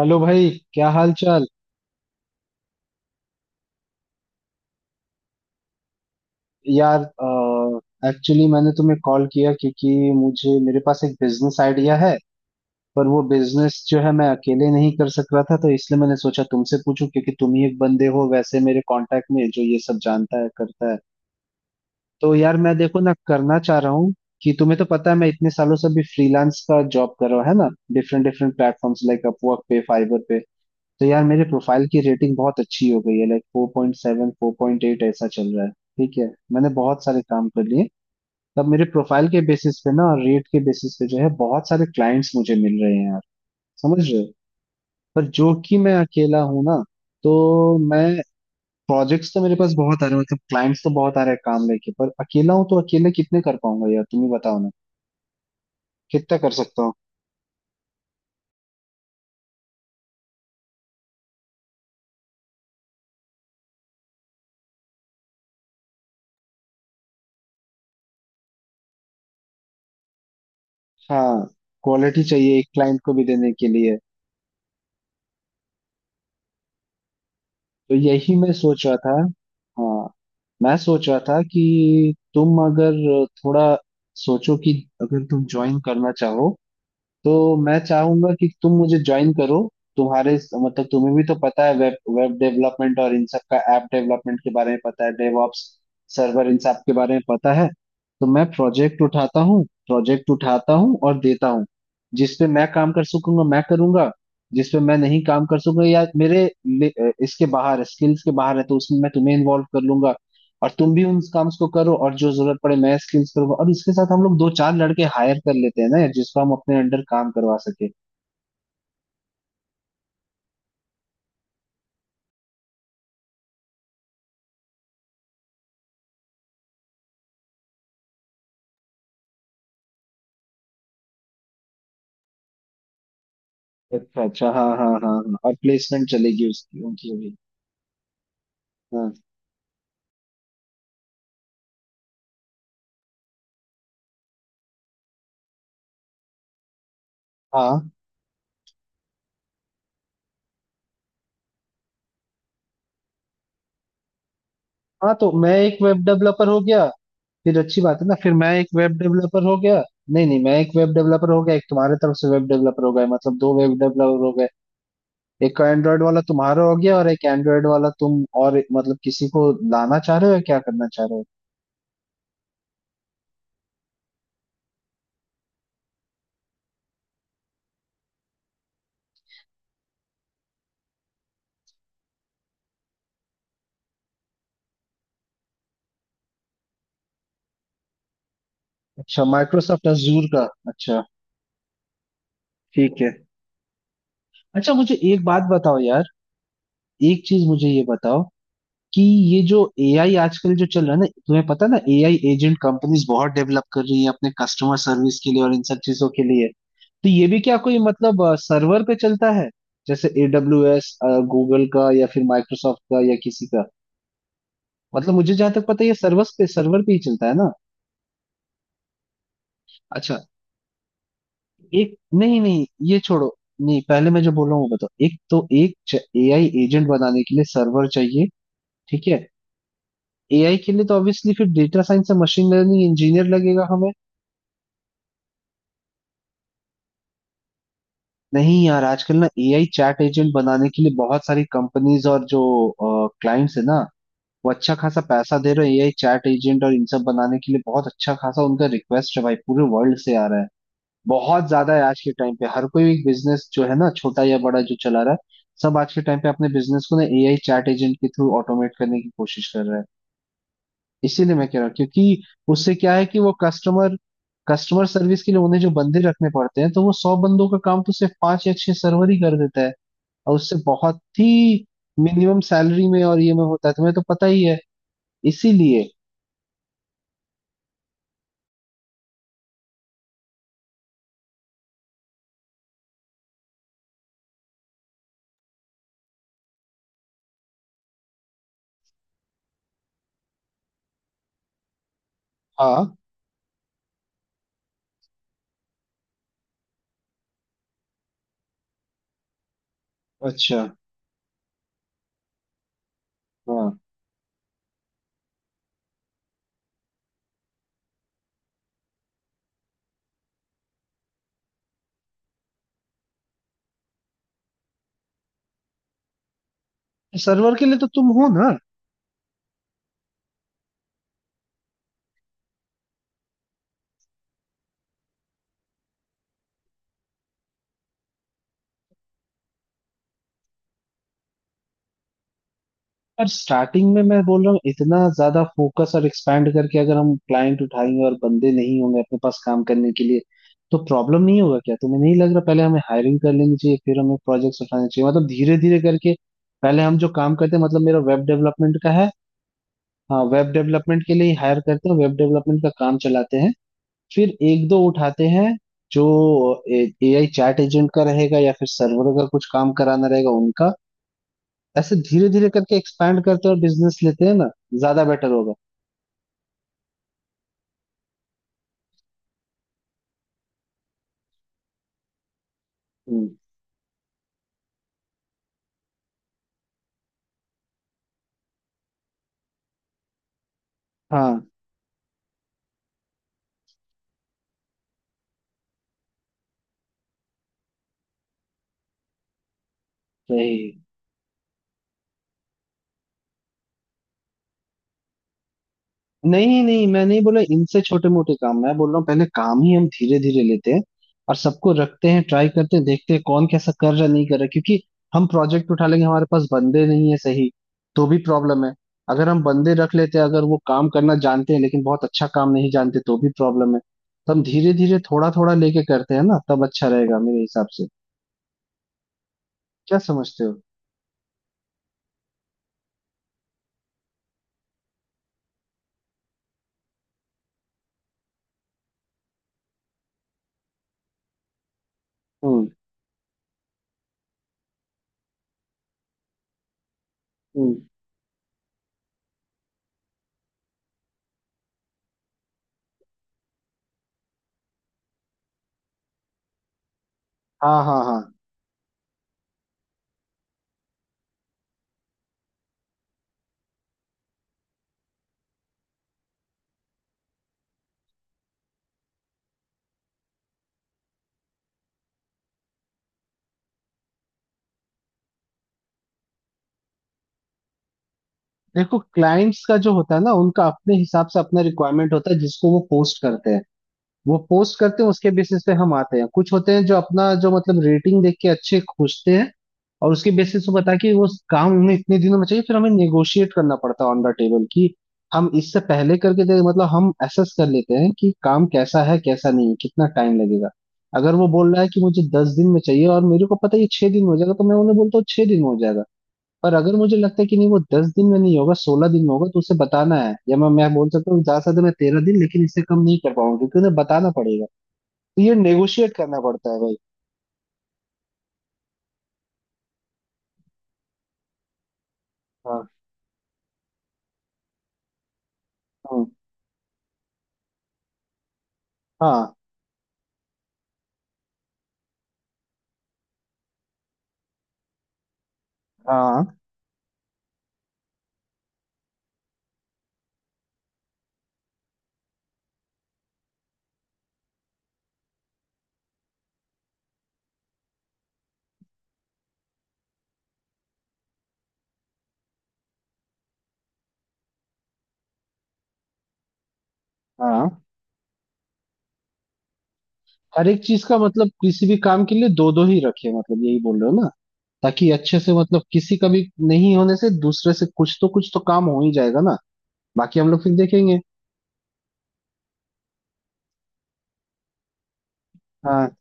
Hello भाई, क्या हाल चाल। यार, एक्चुअली मैंने तुम्हें कॉल किया क्योंकि मुझे, मेरे पास एक बिजनेस आइडिया है। पर वो बिजनेस जो है मैं अकेले नहीं कर सक रहा था, तो इसलिए मैंने सोचा तुमसे पूछूं क्योंकि तुम ही एक बंदे हो वैसे मेरे कांटेक्ट में जो ये सब जानता है, करता है। तो यार, मैं देखो ना करना चाह रहा हूँ कि तुम्हें तो पता है मैं इतने सालों से भी फ्रीलांस का जॉब कर रहा हूँ, है ना। Different different platforms, like Upwork पे, फाइवर पे। तो यार मेरे प्रोफाइल की रेटिंग बहुत अच्छी हो गई है, लाइक 4.7 4.8 ऐसा चल रहा है। ठीक है, मैंने बहुत सारे काम कर लिए तब। मेरे प्रोफाइल के बेसिस पे ना और रेट के बेसिस पे जो है, बहुत सारे क्लाइंट्स मुझे मिल रहे हैं यार, समझ रहे हो। पर जो कि मैं अकेला हूँ ना, तो मैं, प्रोजेक्ट्स तो मेरे पास बहुत आ रहे हैं, मतलब क्लाइंट्स तो बहुत आ रहे हैं काम लेके, पर अकेला हूँ तो अकेले कितने कर पाऊंगा यार, तुम ही बताओ ना, कितना कर सकता हूँ। हाँ, क्वालिटी चाहिए एक क्लाइंट को भी देने के लिए। तो यही मैं सोच रहा था। हाँ, मैं सोच रहा था कि तुम अगर थोड़ा सोचो कि अगर तुम ज्वाइन करना चाहो, तो मैं चाहूंगा कि तुम मुझे ज्वाइन करो। तुम्हारे मतलब तुम्हें भी तो पता है वेब वेब डेवलपमेंट और इन सब का, ऐप डेवलपमेंट के बारे में पता है, डेवऑप्स, सर्वर, इन सब के बारे में पता है। तो मैं प्रोजेक्ट उठाता हूँ और देता हूँ। जिस पे मैं काम कर सकूंगा मैं करूंगा, जिस पे मैं नहीं काम कर सकूंगा या इसके बाहर, स्किल्स के बाहर है, तो उसमें मैं तुम्हें इन्वॉल्व कर लूंगा। और तुम भी उन काम्स को करो, और जो जरूरत पड़े मैं स्किल्स करूंगा, और इसके साथ हम लोग दो चार लड़के हायर कर लेते हैं ना यार, जिसको हम अपने अंडर काम करवा सके। अच्छा अच्छा, हाँ हाँ हाँ हाँ, और प्लेसमेंट चलेगी उसकी, उनकी भी। हाँ हाँ हाँ, तो मैं एक वेब डेवलपर हो गया। फिर अच्छी बात है ना, फिर मैं एक वेब डेवलपर हो गया। नहीं नहीं, मैं एक वेब डेवलपर हो गया, एक तुम्हारे तरफ से वेब डेवलपर हो गया, मतलब दो वेब डेवलपर हो गए। एक का एंड्रॉयड वाला तुम्हारा हो गया, और एक एंड्रॉयड वाला तुम और मतलब किसी को लाना चाह रहे हो या क्या करना चाह रहे हो। अच्छा, माइक्रोसॉफ्ट अजूर का, अच्छा। ठीक है। अच्छा मुझे एक बात बताओ यार, एक चीज मुझे ये बताओ कि ये जो एआई आजकल जो चल रहा है ना, तुम्हें पता है ना, एआई एजेंट कंपनीज बहुत डेवलप कर रही हैं अपने कस्टमर सर्विस के लिए और इन सब चीजों के लिए। तो ये भी क्या कोई मतलब सर्वर पे चलता है जैसे एडब्ल्यू एस, गूगल का या फिर माइक्रोसॉफ्ट का या किसी का। मतलब मुझे जहां तक पता है ये सर्वर पे ही चलता है ना। अच्छा, एक, नहीं नहीं, ये छोड़ो। नहीं, पहले मैं जो बोल रहा हूँ वो बताओ। एक तो एक एआई एजेंट बनाने के लिए सर्वर चाहिए, ठीक है। एआई के लिए तो ऑब्वियसली फिर डेटा साइंस या मशीन लर्निंग इंजीनियर लगेगा हमें। नहीं यार, आजकल ना एआई चैट एजेंट बनाने के लिए बहुत सारी कंपनीज और जो क्लाइंट्स है ना, वो अच्छा खासा पैसा दे रहे हैं। एआई चैट एजेंट और इन सब बनाने के लिए बहुत अच्छा खासा उनका रिक्वेस्ट है भाई, पूरे वर्ल्ड से आ रहा है। बहुत ज्यादा है आज के टाइम पे। हर कोई एक बिजनेस जो है ना, छोटा या बड़ा जो चला रहा है, सब आज के टाइम पे अपने बिजनेस को ना एआई चैट एजेंट के थ्रू ऑटोमेट करने की कोशिश कर रहा है। इसीलिए मैं कह रहा हूँ क्योंकि उससे क्या है कि वो कस्टमर कस्टमर सर्विस के लिए उन्हें जो बंदे रखने पड़ते हैं, तो वो 100 बंदों का काम तो सिर्फ 5 या 6 सर्वर ही कर देता है। और उससे बहुत ही मिनिमम सैलरी में, और ये में होता है, तुम्हें तो पता ही है। इसीलिए। हाँ, अच्छा हाँ, सर्वर के लिए तो तुम हो ना। पर स्टार्टिंग में मैं बोल रहा हूँ, इतना ज्यादा फोकस और एक्सपैंड करके अगर हम क्लाइंट उठाएंगे और बंदे नहीं होंगे अपने पास काम करने के लिए, तो प्रॉब्लम नहीं होगा क्या, तुम्हें नहीं लग रहा। पहले हमें हायरिंग कर लेनी चाहिए फिर हमें प्रोजेक्ट्स उठाने चाहिए, मतलब धीरे धीरे करके। पहले हम जो काम करते हैं, मतलब मेरा वेब डेवलपमेंट का है। हाँ, वेब डेवलपमेंट के लिए ही हायर करते हैं, वेब डेवलपमेंट का काम चलाते हैं। फिर एक दो उठाते हैं जो ए आई चैट एजेंट का रहेगा, या फिर सर्वर का कुछ काम कराना रहेगा उनका। ऐसे धीरे धीरे करके एक्सपैंड करते हैं और बिजनेस लेते हैं ना, ज्यादा बेटर होगा। हम्म, हाँ वही, नहीं नहीं, मैं नहीं बोला इनसे छोटे मोटे काम, मैं बोल रहा हूँ पहले काम ही हम धीरे धीरे लेते हैं और सबको रखते हैं, ट्राई करते हैं, देखते हैं कौन कैसा कर रहा, नहीं कर रहा, क्योंकि हम प्रोजेक्ट उठा लेंगे हमारे पास बंदे नहीं है, सही, तो भी प्रॉब्लम है। अगर हम बंदे रख लेते हैं अगर वो काम करना जानते हैं लेकिन बहुत अच्छा काम नहीं जानते, तो भी प्रॉब्लम है। तो हम धीरे धीरे थोड़ा थोड़ा लेके करते हैं ना, तब अच्छा रहेगा मेरे हिसाब से। क्या समझते हो। हम्म, हम्म। हाँ हाँ हाँ, देखो क्लाइंट्स का जो होता है ना उनका अपने हिसाब से अपना रिक्वायरमेंट होता है जिसको वो पोस्ट करते हैं। वो पोस्ट करते हैं, उसके बेसिस पे हम आते हैं। कुछ होते हैं जो अपना जो मतलब रेटिंग देख के अच्छे खोजते हैं, और उसके बेसिस पे पता है कि वो काम हमें इतने दिनों में चाहिए। फिर हमें नेगोशिएट करना पड़ता है ऑन द टेबल कि हम इससे पहले करके दे, मतलब हम असेस कर लेते हैं कि काम कैसा है कैसा नहीं है, कितना टाइम लगेगा। अगर वो बोल रहा है कि मुझे 10 दिन में चाहिए और मेरे को पता है ये 6 दिन में हो जाएगा, तो मैं उन्हें बोलता हूँ 6 दिन में हो जाएगा। पर अगर मुझे लगता है कि नहीं वो 10 दिन में नहीं होगा, 16 दिन में होगा, तो उसे बताना है, या मैं बोल सकता हूँ, जा सकता, मैं 13 दिन, लेकिन इससे कम नहीं कर पाऊंगा, क्योंकि उन्हें बताना पड़ेगा। तो ये नेगोशिएट करना पड़ता है भाई। हाँ, हम्म, हाँ हाँ हाँ, हर एक चीज का मतलब किसी भी काम के लिए दो दो ही रखे, मतलब यही बोल रहे हो ना, ताकि अच्छे से मतलब किसी का भी नहीं होने से दूसरे से कुछ तो काम हो ही जाएगा ना, बाकी हम लोग फिर देखेंगे। हाँ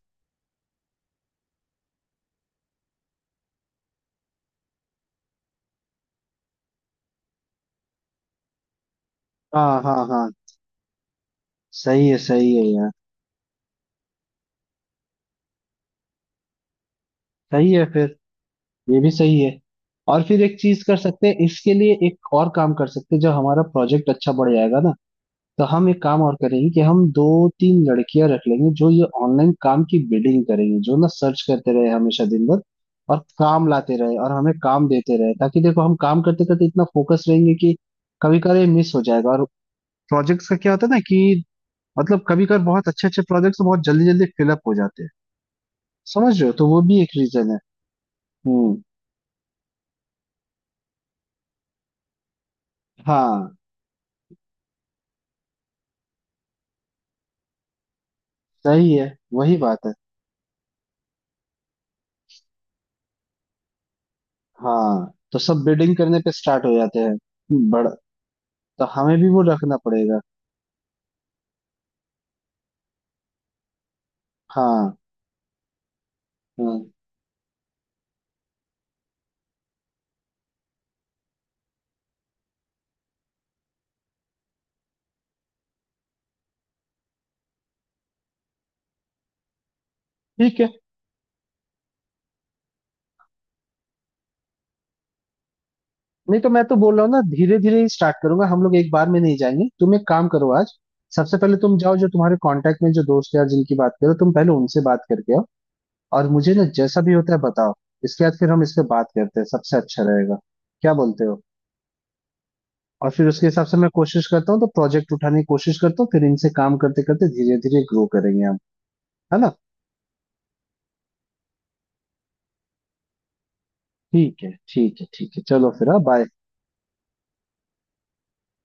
हाँ हाँ हाँ, सही है यार। सही है फिर, ये भी सही है। और फिर एक चीज कर सकते हैं, इसके लिए एक और काम कर सकते हैं, जब हमारा प्रोजेक्ट अच्छा बढ़ जाएगा ना, तो हम एक काम और करेंगे कि हम दो तीन लड़कियां रख लेंगे जो ये ऑनलाइन काम की बिल्डिंग करेंगी, जो ना सर्च करते रहे हमेशा दिन भर और काम लाते रहे और हमें काम देते रहे, ताकि, देखो, हम काम करते करते इतना फोकस रहेंगे कि कभी कभार ये मिस हो जाएगा। और प्रोजेक्ट्स का क्या होता है ना कि मतलब कभी कभार बहुत अच्छे अच्छे प्रोजेक्ट्स बहुत जल्दी जल्दी फिलअप हो जाते हैं, समझ रहे हो, तो वो भी एक रीजन है। हम्म। हाँ सही है, वही बात है। हाँ, तो सब बिडिंग करने पे स्टार्ट हो जाते हैं बड़ा, तो हमें भी वो रखना पड़ेगा। हाँ हाँ, ठीक है। नहीं तो मैं तो बोल रहा हूँ ना धीरे धीरे ही स्टार्ट करूंगा, हम लोग एक बार में नहीं जाएंगे। तुम एक काम करो आज, सबसे पहले तुम जाओ जो तुम्हारे कांटेक्ट में जो दोस्त यार जिनकी बात करो, तुम पहले उनसे बात करके आओ और मुझे ना जैसा भी होता है बताओ। इसके बाद फिर हम इस पे बात करते हैं, सबसे अच्छा रहेगा। क्या बोलते हो, और फिर उसके हिसाब से मैं कोशिश करता हूँ, तो प्रोजेक्ट उठाने की कोशिश करता हूँ, फिर इनसे काम करते करते धीरे धीरे ग्रो करेंगे हम, है ना। ठीक है ठीक है ठीक है, चलो फिर, हाँ बाय।